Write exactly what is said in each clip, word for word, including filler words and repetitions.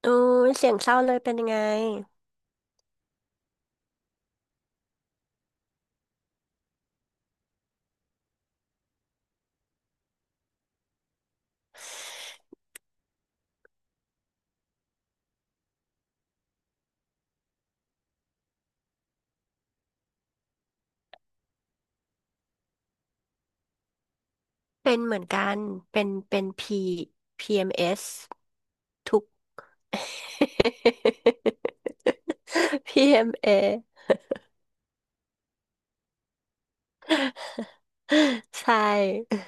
โอ้ยเสียงเศร้าเลยเป็นยังไงเป็นเหมือนกันเป็นเป็น P พี เอ็ม เอส ทุก พี เอ็ม เอ ใช่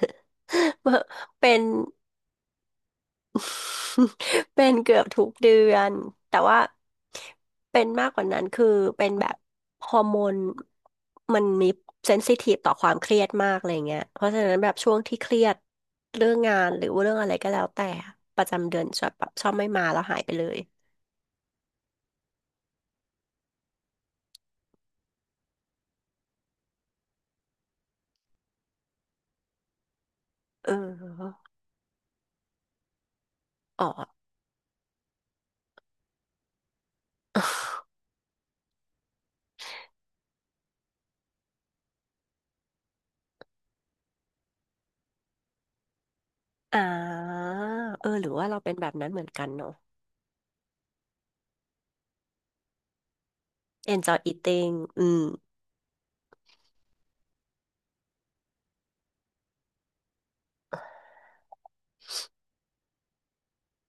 เป็น เป็นเกือบทุกเดือนแต่ว่าเป็นมากกว่านั้นคือเป็นแบบฮอร์โมนมันมีเซนซิทีฟต่อความเครียดมากอะไรเงี้ยเพราะฉะนั้นแบบช่วงที่เครียดเรื่องงานหรือว่าเรื่องอะไรก็แล้วแต่ประจำเดือนชอบแบบชอบไม่มาแล้วหายไปเลยเอออ๋อ อ่าเออหรือว่าเราเป็นแบบนั้นเหมือนกันเนาะ enjoy eating อืม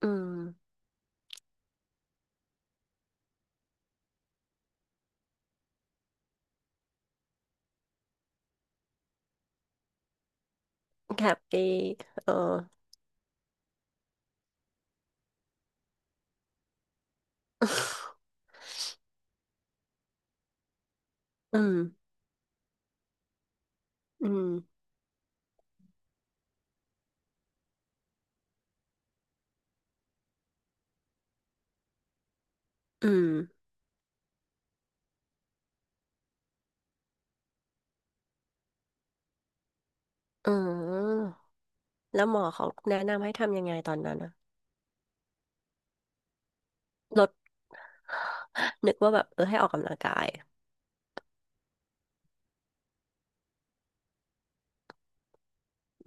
อืม happy เออ อืมอืมอืม อืมแล้วหมอเขาแนะนำให้ทำยังไงตอนนั้นอะลดนึกว่าแบบเออให้ออกกำลังกาย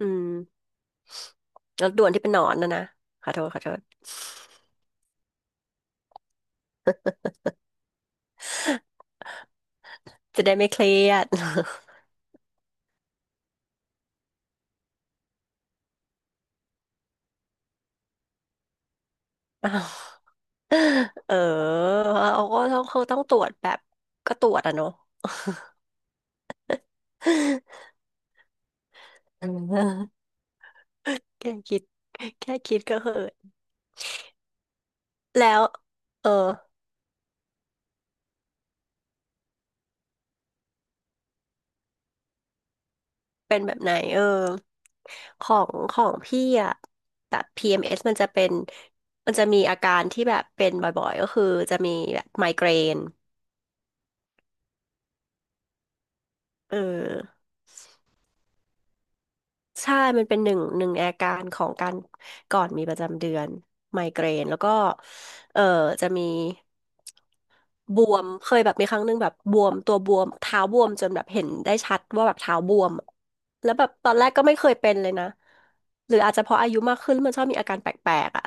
อืมแลดด่วนที่เป็นหนอนนะนะขอโทษขอโทษจะได้ไม่เครียด อ้าวเออเขาก็ต้องเขาต้องตรวจแบบก็ตรวจอะเนาะ เออแค่คิดแค่คิดก็เหอะแล้วเออ เป็นแบบไหนเออของของพี่อะแบบ พี เอ็ม เอส มเอสมันจะเป็นมันจะมีอาการที่แบบเป็นบ่อยๆก็คือจะมีแบบไมเกรนเออใช่มันเป็นหนึ่งหนึ่งในอาการของการก่อนมีประจำเดือนไมเกรนแล้วก็เออจะมีบวมเคยแบบมีครั้งหนึ่งแบบบวมตัวบวมเท้าบวมจนแบบเห็นได้ชัดว่าแบบเท้าบวมอะแล้วแบบตอนแรกก็ไม่เคยเป็นเลยนะหรืออาจจะเพราะอายุมากขึ้นมันชอบมีอาการแปลกๆอ่ะ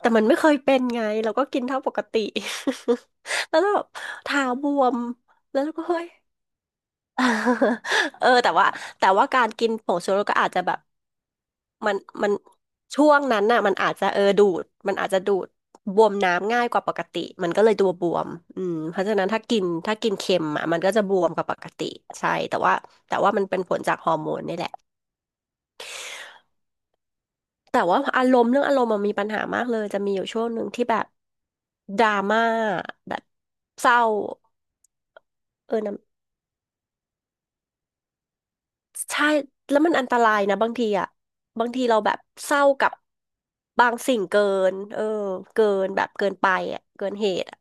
แต่มันไม่เคยเป็นไงเราก็กินเท่าปกติ แล้วแบบเท้าบวมแล้วเราก็เฮ้ย เออแต่ว่าแต่ว่าการกินผงชูรสก็อาจจะแบบมันมันช่วงนั้นน่ะมันอาจจะเออดูดมันอาจจะดูดบวมน้ำง่ายกว่าปกติมันก็เลยตัวบวมอืมเพราะฉะนั้นถ้ากินถ้ากินเค็มอ่ะมันก็จะบวมกว่าปกติใช่แต่ว่าแต่ว่ามันเป็นผลจากฮอร์โมนนี่แหละ แต่ว่าอารมณ์เรื่องอารมณ์มันมีปัญหามากเลยจะมีอยู่ช่วงหนึ่งที่แบบดราม่าแบบเศร้าเออนะใช่แล้วมันอันตรายนะบางทีอ่ะบางทีเราแบบเศร้ากับบางสิ่งเกินเออเกินแบบเกินไปอ่ะเกินเหตุอ่ะ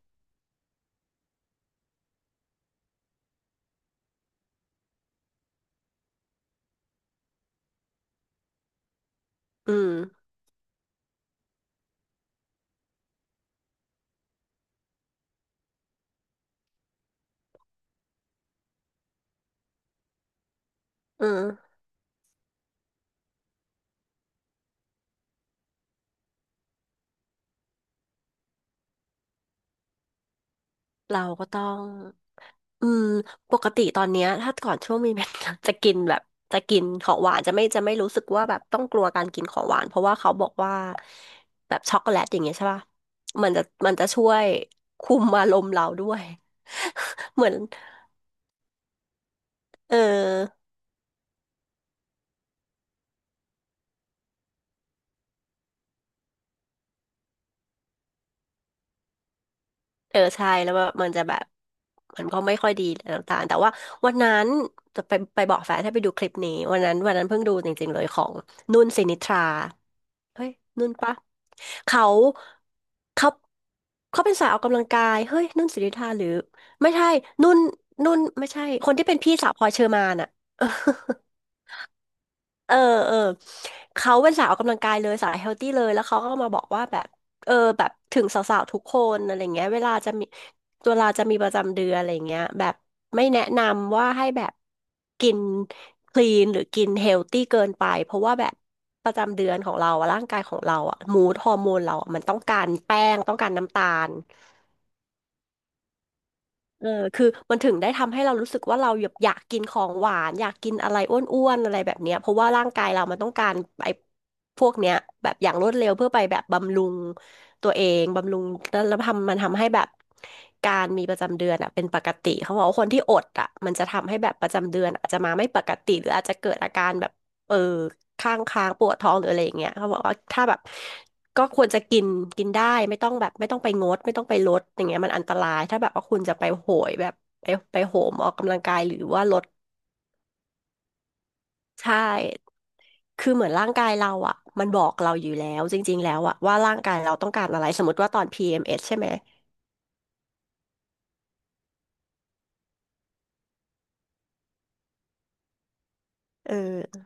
อืมอืมเราก็ต้อง อืมปกติตอนเนี้ยถ้าก่อนช่วงมีเมน จะกินแบบจะกินของหวานจะไม่จะไม่รู้สึกว่าแบบต้องกลัวการกินของหวานเพราะว่าเขาบอกว่าแบบช็อกโกแลตอย่างเงี้ยใช่ป่ะมันจะมันจะช่วยคุมอารมณ์เราด้วย เหมือนเออเออใช่แล้วแบบมันจะแบบมันก็ไม่ค่อยดีต่างๆแต่ว่าวันนั้นจะไปไปบอกแฟนให้ไปดูคลิปนี้วันนั้นวันนั้นเพิ่งดูจริงๆเลยของนุ่นสินิทรา เฮ้ยนุ่นปะเขาเขาเขาเป็นสายออกกำลังกายเฮ้ยนุ่นสิริธาหรือไม่ใช่นุ่นนุ่นไม่ใช่คนที่เป็นพี่สาวพลอยเชอร์มานอะ เออเออเขาเป็นสาวออกกำลังกายเลยสายเฮลตี้เลยแล้วเขาก็มาบอกว่าแบบเออแบบถึงสาวๆทุกคนอะไรเงี้ยเวลาจะมีเวลาจะมีประจำเดือนอะไรเงี้ยแบบไม่แนะนำว่าให้แบบกินคลีนหรือกินเฮลตี้เกินไปเพราะว่าแบบประจำเดือนของเราอะร่างกายของเราอะมูดฮอร์โมนเราอะมันต้องการแป้งต้องการน้ำตาล เออคือมันถึงได้ทำให้เรารู้สึกว่าเราอยากอยากกินของหวานอยากกินอะไรอ้วนๆอะไรแบบเนี้ยเพราะว่าร่างกายเรามันต้องการไอ้พวกเนี้ยแบบอย่างรวดเร็วเพื่อไปแบบบำรุงตัวเองบำรุงแล้วแล้วทำมันทำให้แบบการมีประจำเดือนอ่ะเป็นปกติเขาบอกว่าคนที่อดอ่ะมันจะทำให้แบบประจำเดือนอาจจะมาไม่ปกติหรืออาจจะเกิดอาการแบบเออข้างค้างปวดท้องหรืออะไรอย่างเงี้ยเขาบอกว่าถ้าแบบ ก็ควรจะกินกินได้ไม่ต้องแบบไม่ต้องไปงดไม่ต้องไปลดอย่างเงี้ยมันอันตรายถ้าแบบว่าคุณจะไปโหยแบบไปไปโหมออกกำลังกายหรือว่าลดใช่คือเหมือนร่างกายเราอ่ะมันบอกเราอยู่แล้วจริงๆแล้วอ่ะว่าร่างกายเราต้องการอะไรสมมติว่าตอน พี เอ็ม เอส ใช่ไหมเออ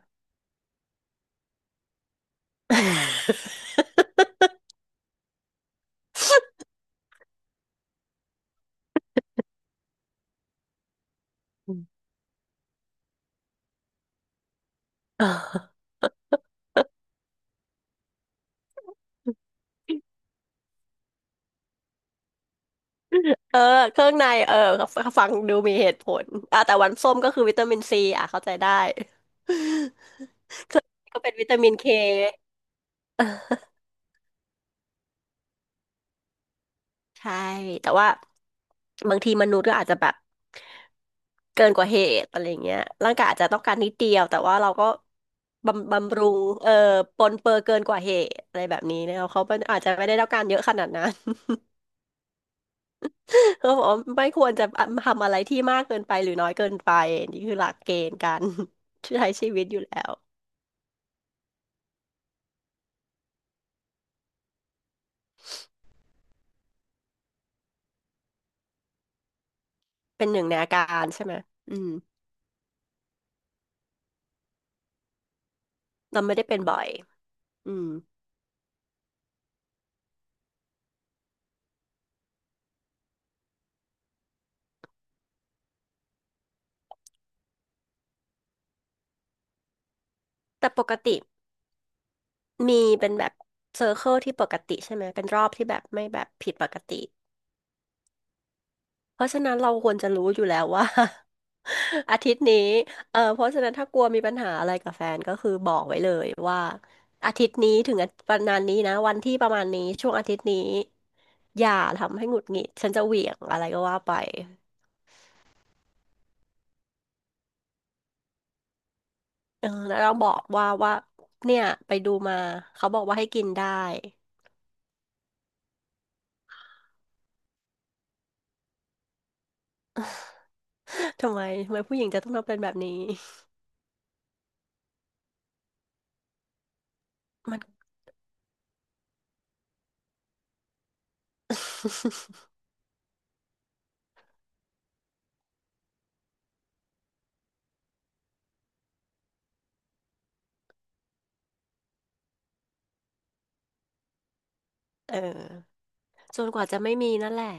เออเครื่องในเออฟังดูมีเหตุผลอ่ะแต่วันส้มก็คือวิตามินซีอ่ะเข้าใจได้ เครื่องในก็เป็นวิตามินเค ใช่แต่ว่าบางทีมนุษย์ก็อาจจะแบบเกินกว่าเหตุอะไรเงี้ยร่างกายอาจจะต้องการนิดเดียวแต่ว่าเราก็บำบำรุงเออปรนเปื้อเกินกว่าเหตุอะไรแบบนี้นะเขาเป็นอาจจะไม่ได้ต้องการเยอะขนาดนั้น เขาบอกว่าไม่ควรจะทำอะไรที่มากเกินไปหรือน้อยเกินไปนี่คือหลักเกณฑ์การ ใช้ชีวิตอยู่แล้วเป็นหนึ่งในอาการใช่ไหมอืมเราไม่ได้เป็นบ่อยอืมแต่ปกติ มีเป็นแบบเซอร์เคิลที่ปกติใช่ไหมเป็นรอบที่แบบไม่แบบผิดปกติเพราะฉะนั้นเราควรจะรู้อยู่แล้วว่า อาทิตย์นี้เออเพราะฉะนั้นถ้ากลัวมีปัญหาอะไรกับแฟนก็คือบอกไว้เลยว่าอาทิตย์นี้ถึงประมาณนี้นะวันที่ประมาณนี้ช่วงอาทิตย์นี้อย่าทำให้หงุดหงิดฉันจะเหวี่ยงอะไรก็ว่าไปเออแล้วเราบอกว่าว่าเนี่ยไปดูมาเขาบอกว่าให้กินได้ ทำไมทำไมผู้หญิงจะต้องทำเป็นแบบนี้มัน เออจนกว่าจะไม่มีนั่นแหละ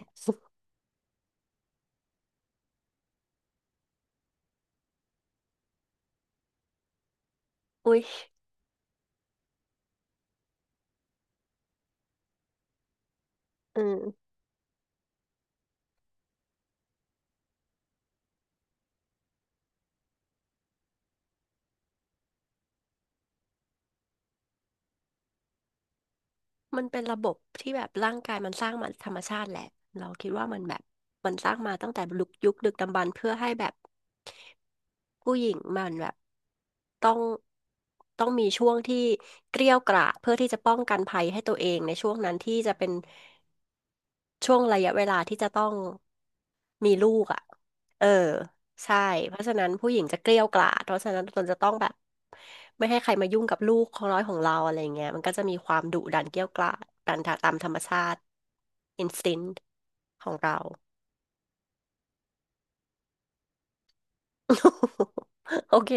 อุ๊ยอืมมันเป็นระบบที่แบบร่างกายมันสร้างมาธรรมชาติแหละเราคิดว่ามันแบบมันสร้างมาตั้งแต่ยุคยุคดึกดำบรรพ์เพื่อให้แบบผู้หญิงมันแบบต้องต้องมีช่วงที่เกรี้ยวกราดเพื่อที่จะป้องกันภัยให้ตัวเองในช่วงนั้นที่จะเป็น ช่วงระยะเวลาที่จะต้องมีลูกอ่ะ เออใช่เพราะฉะนั้นผู้หญิงจะเกรี้ยวกล่อมเพราะฉะนั้นตนจะต้องแบบไม่ให้ใครมายุ่งกับลูกของน้อยของเราอะไรเงี้ยมันก็จะมีความดุดันเกรี้ยวกล่อมดันตามธรรมชาติ instinct ของเรา โอเค